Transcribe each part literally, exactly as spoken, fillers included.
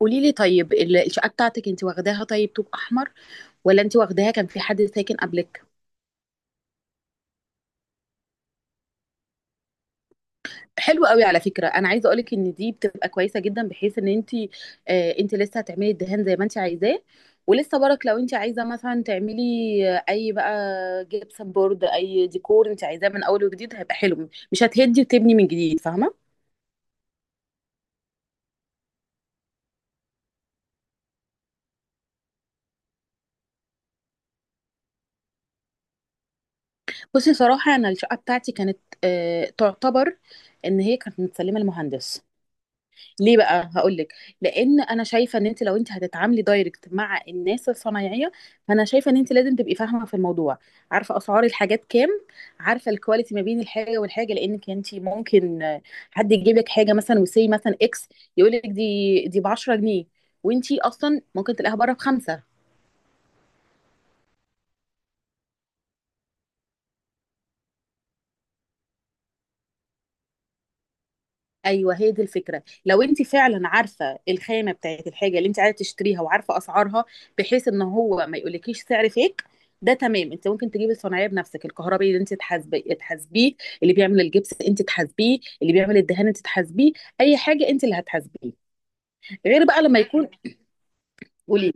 قولي لي طيب ال- الشقه بتاعتك انت واخداها طيب طوب احمر، ولا انت واخداها كان في حد ساكن قبلك؟ حلو قوي. على فكره انا عايزه اقولك ان دي بتبقى كويسه جدا، بحيث ان انت آه انت لسه هتعملي الدهان زي ما انت عايزاه، ولسه برك لو انت عايزه مثلا تعملي آه، اي بقى جبسن بورد، اي ديكور انت عايزاه من اول وجديد هيبقى حلو، مش هتهدي وتبني من جديد، فاهمه؟ بصي صراحه انا الشقه بتاعتي كانت آه تعتبر ان هي كانت متسلمه المهندس. ليه بقى؟ هقول لك. لان انا شايفه ان انت لو انت هتتعاملي دايركت مع الناس الصنايعيه، فانا شايفه ان انت لازم تبقي فاهمه في الموضوع، عارفه اسعار الحاجات كام، عارفه الكواليتي ما بين الحاجه والحاجه، لانك انت ممكن آه، حد يجيب لك حاجه مثلا، وسي مثلا اكس، يقول لك دي دي ب عشره جنيه، وانت اصلا ممكن تلاقيها بره بخمسه. ايوه هي دي الفكره. لو انت فعلا عارفه الخامه بتاعت الحاجه اللي انت عايزه تشتريها، وعارفه اسعارها، بحيث ان هو ما يقولكيش سعر فيك ده، تمام. انت ممكن تجيبي الصناعيه بنفسك، الكهربائي اللي انت تحاسبي تحاسبيه، اللي بيعمل الجبس انت تحاسبيه، اللي بيعمل الدهان انت تحاسبيه، اي حاجه انت اللي هتحاسبيه، غير بقى لما يكون. قولي.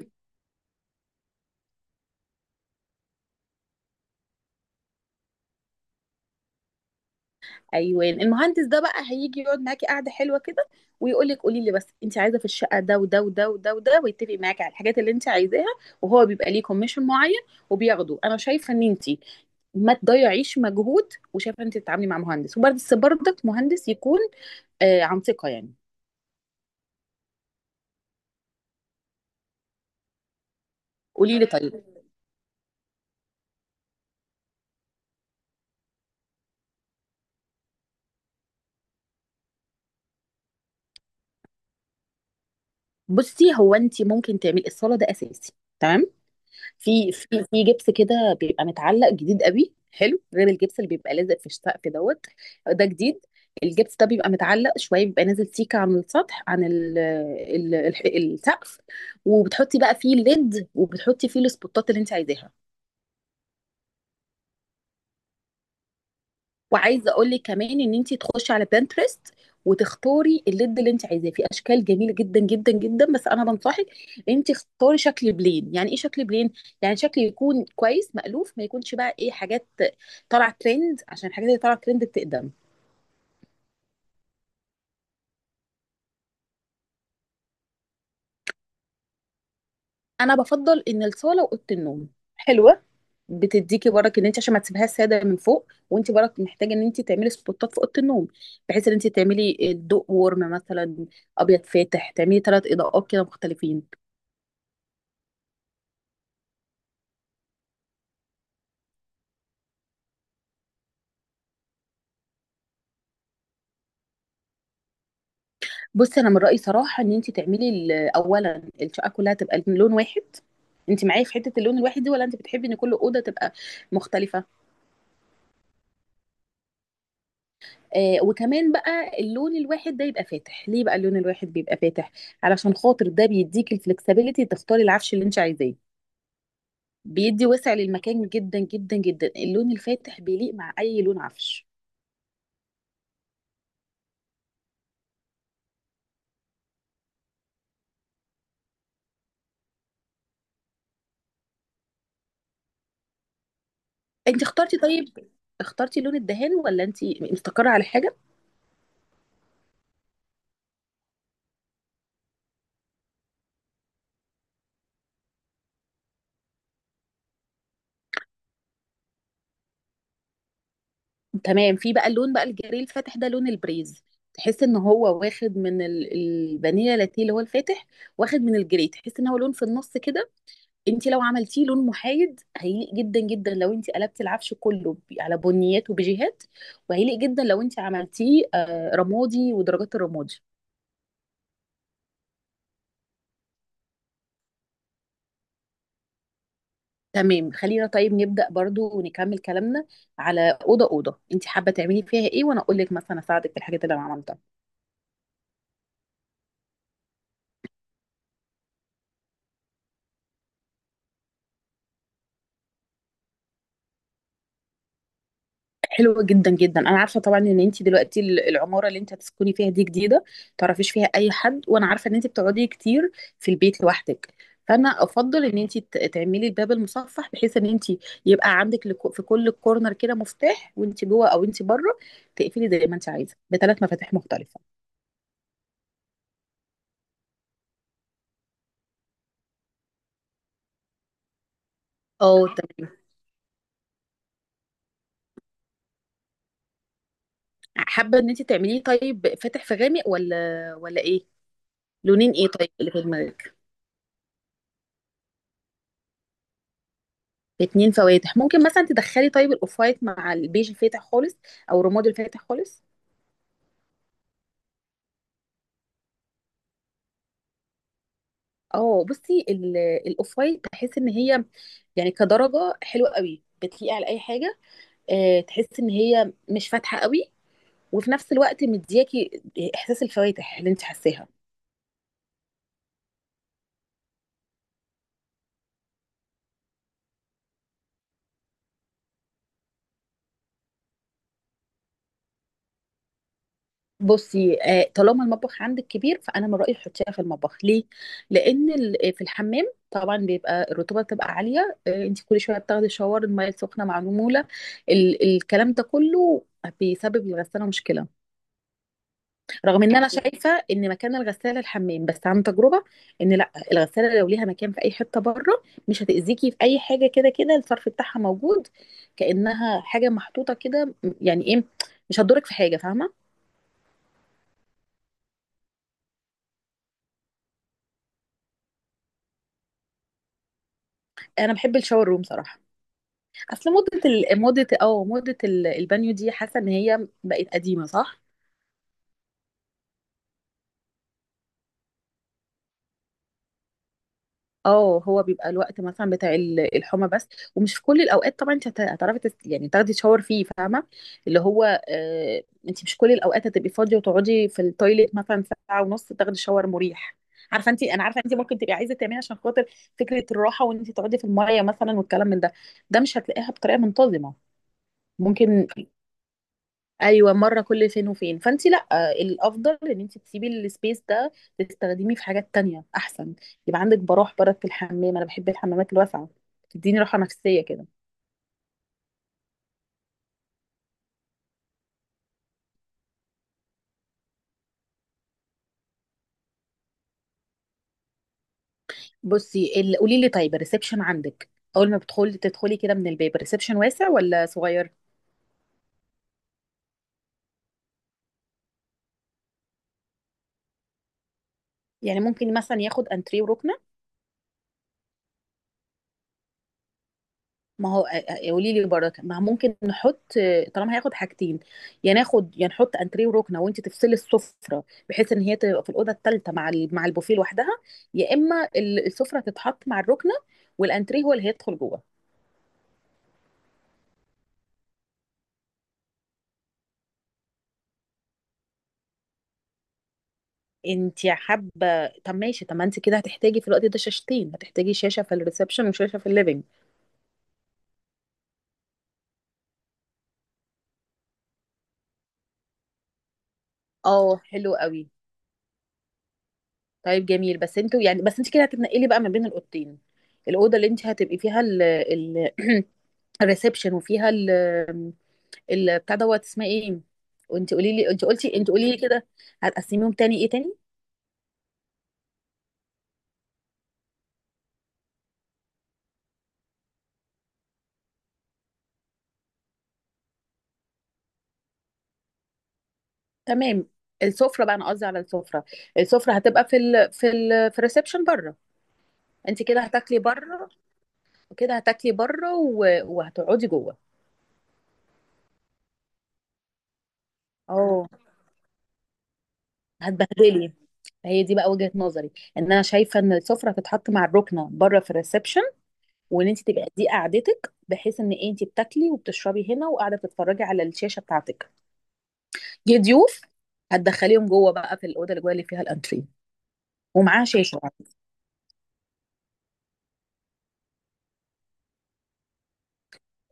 ايوه المهندس ده بقى هيجي يقعد معاكي قعده حلوه كده، ويقول لك قولي لي بس انت عايزه في الشقه، ده وده وده وده وده، ويتفق معاكي على الحاجات اللي انت عايزاها، وهو بيبقى ليه كوميشن معين وبياخده. انا شايفه ان انت ما تضيعيش مجهود، وشايفه ان انت تتعاملي مع مهندس، وبرده برضك مهندس يكون آه عن ثقه يعني. قولي لي طيب. بصي هو انت ممكن تعملي الصاله ده اساسي، تمام. في في في جبس كده بيبقى متعلق جديد قوي حلو، غير الجبس اللي بيبقى لازق في السقف دوت. ده جديد. الجبس ده بيبقى متعلق شويه، بيبقى نازل سيكه عن السطح، عن ال ال ال السقف، وبتحطي بقى فيه الليد، وبتحطي فيه السبوتات اللي انت عايزاها. وعايزه اقول لك كمان ان انت تخشي على بنترست، وتختاري الليد اللي انت عايزاه في اشكال جميله جدا جدا جدا، بس انا بنصحك انت اختاري شكل بلين. يعني ايه شكل بلين؟ يعني شكل يكون كويس مألوف، ما يكونش بقى ايه، حاجات طالعه ترند، عشان الحاجات اللي طالعه ترند بتقدم. انا بفضل ان الصاله واوضه النوم حلوه، بتديكي برك ان انت عشان ما تسيبهاش ساده من فوق، وانت برك محتاجه ان انت تعملي سبوتات في اوضه النوم، بحيث ان انت تعملي الضوء ورم مثلا، ابيض فاتح، تعملي ثلاث اضاءات كده مختلفين. بصي انا من رايي صراحه ان انت تعملي ال- اولا الشقه كلها تبقى لون واحد. انت معايا في حته اللون الواحد دي، ولا انت بتحبي ان كل اوضه تبقى مختلفه؟ آه وكمان بقى اللون الواحد ده يبقى فاتح. ليه بقى اللون الواحد بيبقى فاتح؟ علشان خاطر ده بيديك الفلكسبيليتي تختاري العفش اللي انت عايزاه، بيدي وسع للمكان جدا جدا جدا. اللون الفاتح بيليق مع اي لون عفش. انت اخترتي طيب، اخترتي لون الدهان، ولا انت مستقره على حاجه؟ تمام. في بقى اللون بقى الجري الفاتح ده لون البريز، تحس ان هو واخد من ال- الفانيلا لاتيه اللي هو الفاتح، واخد من الجري، تحس ان هو لون في النص كده. انت لو عملتيه لون محايد هيليق جدا جدا لو انت قلبتي العفش كله ب- على بنيات وبيجيهات، وهيليق جدا لو انت عملتيه آه، رمادي ودرجات الرمادي. تمام. خلينا طيب نبدأ برضو ونكمل كلامنا على أوضة أوضة انت حابة تعملي فيها ايه، وانا اقول لك مثلا اساعدك في الحاجات اللي انا عملتها. حلوة جدا جدا. انا عارفة طبعا ان انت دلوقتي ال- العمارة اللي انت هتسكني فيها دي جديدة، تعرفيش فيها اي حد، وانا عارفة ان انت بتقعدي كتير في البيت لوحدك، فانا افضل ان انت ت- تعملي الباب المصفح، بحيث ان انت يبقى عندك لك- في كل كورنر كده مفتاح، وانت جوه او انت بره تقفلي زي ما انت عايزة بثلاث مفاتيح مختلفة. اه تمام. حابة ان انت تعمليه طيب فاتح في غامق، ولا ولا ايه؟ لونين ايه طيب اللي في دماغك؟ باتنين فواتح ممكن مثلا تدخلي طيب الاوف وايت مع البيج الفاتح خالص، او الرمادي الفاتح خالص. اه بصي ال- الاوف وايت بحس ان هي يعني كدرجه حلوه قوي، بتليق على اي حاجه. آه، تحس ان هي مش فاتحه قوي، وفي نفس الوقت مدياكي احساس الفواتح اللي انت حاساها. بصي آه، طالما المطبخ عندك كبير، فانا من رايي تحطيها في المطبخ. ليه؟ لان ال- آه، في الحمام طبعا بيبقى الرطوبه بتبقى عاليه. آه، انت كل شويه بتاخدي شاور، الميه السخنه مع نموله، ال الكلام ده كله بيسبب للغساله مشكله. رغم ان انا شايفه ان مكان الغساله الحمام، بس عن تجربه ان لا، الغساله لو ليها مكان في اي حته بره مش هتاذيكي في اي حاجه، كده كده الصرف بتاعها موجود، كانها حاجه محطوطه كده. يعني ايه؟ مش هتضرك في حاجه، فاهمه. انا بحب الشاور روم صراحه. اصل موضة ال... موضة اه موضة ال- البانيو دي حاسة ان هي بقت قديمة، صح؟ اه هو بيبقى الوقت مثلا بتاع ال- الحمى بس، ومش في كل الاوقات طبعا. انت هت- هتعرفي تس... يعني تاخدي شاور فيه، فاهمة؟ اللي هو آه... انت مش كل الاوقات هتبقي فاضية وتقعدي في التويليت مثلا ساعة ونص، تاخدي شاور مريح. عارفة انت، انا عارفة انت ممكن تبقي عايزة تعملي عشان خاطر فكرة الراحة، وان انت تقعدي في المية مثلا والكلام من ده، ده مش هتلاقيها بطريقة منتظمة. ممكن ايوه مره كل فين وفين، فانت لا، الافضل ان انت تسيبي السبيس ده تستخدميه في حاجات تانية احسن. يبقى عندك براح برد في الحمام. انا بحب الحمامات الواسعه، تديني راحه نفسيه كده. بصي ال- قولي لي طيب، الريسبشن عندك اول ما بتدخلي تدخلي كده من الباب، الريسبشن واسع ولا صغير؟ يعني ممكن مثلا ياخد انتريه وركنه. ما هو قولي لي برضه، ما ممكن نحط، طالما هياخد حاجتين، يا ناخد يا نحط انتريه وركنه، وانت تفصلي السفره بحيث ان هي تبقى في الاوضه الثالثه مع ال- مع البوفيه لوحدها، يا اما ال- السفره تتحط مع الركنه، والانتريه هو اللي هيدخل جوه. انت حابه. طب ماشي، طب ما انت كده هتحتاجي في الوقت ده شاشتين، هتحتاجي شاشه في الريسبشن وشاشه في الليفينج. اه حلو قوي. طيب جميل. بس انتوا يعني، بس انت كده هتتنقلي بقى ما بين الاوضتين، الاوضه اللي انت هتبقي فيها ال ال الريسبشن، وفيها ال- بتاع دوت، اسمها ايه؟ وانت قولي لي، انت قلتي، انت قولي لي كده، هتقسميهم تاني ايه تاني؟ تمام. السفره بقى، انا قصدي على السفره، السفره هتبقى في ال في ال في الريسبشن بره، انت كده هتاكلي بره، وكده هتاكلي بره و- وهتقعدي جوه. اه هتبهدلي. هي دي بقى وجهة نظري، ان انا شايفه ان السفره تتحط مع الركنه بره في الريسبشن، وان انت تبقى دي قعدتك، بحيث ان انت بتاكلي وبتشربي هنا وقاعده تتفرجي على الشاشه بتاعتك. جه ضيوف هتدخليهم جوه بقى في الاوضه اللي جوه اللي فيها الانتريه، ومعاه شاشه.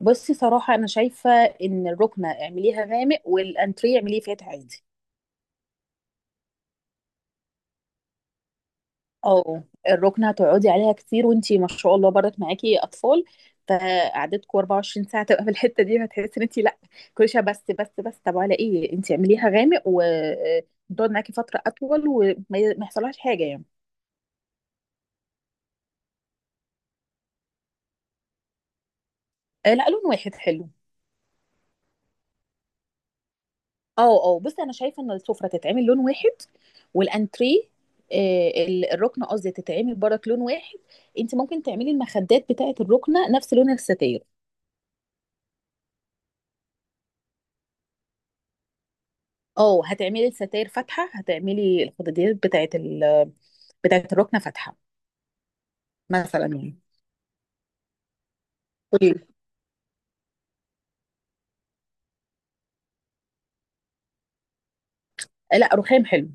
بصي صراحه انا شايفه ان الركنه اعمليها غامق، والانتريه اعمليه فاتح عادي. اه الركنه هتقعدي عليها كتير، وانتي ما شاء الله برضك معاكي اطفال، فقعدتكم اربع وعشرين ساعه تبقى في الحته دي، هتحسي ان انتي لا، كل شويه، بس بس بس طب على ايه، انتي اعمليها غامق وتقعد معاكي فتره اطول، وما ما يحصلهاش حاجه يعني. آه، لا لون واحد حلو. اه اه بصي انا شايفه ان السفره تتعمل لون واحد، والانتريه آه، ال- الركنه قصدي تتعمل برك لون واحد. انت ممكن تعملي المخدات بتاعه الركنه نفس لون الستاير. اه هتعملي الستاير فاتحه، هتعملي الخداديات بتاعه ال بتاعه الركنه فاتحه، مثلا يعني. قولي لي. لا رخام حلو.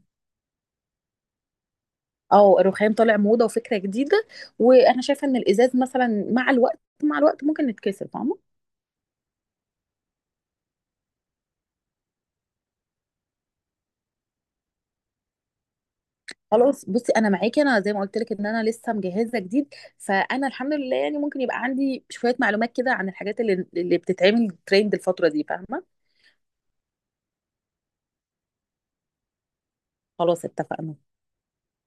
اه الرخام طالع موضه وفكره جديده، وانا شايفه ان الازاز مثلا مع الوقت مع الوقت ممكن يتكسر، فاهمه. خلاص بصي انا معاكي. انا زي ما قلت لك ان انا لسه مجهزه جديد، فانا الحمد لله يعني ممكن يبقى عندي شويه معلومات كده عن الحاجات اللي اللي بتتعمل ترند الفتره دي، فاهمه. خلاص اتفقنا.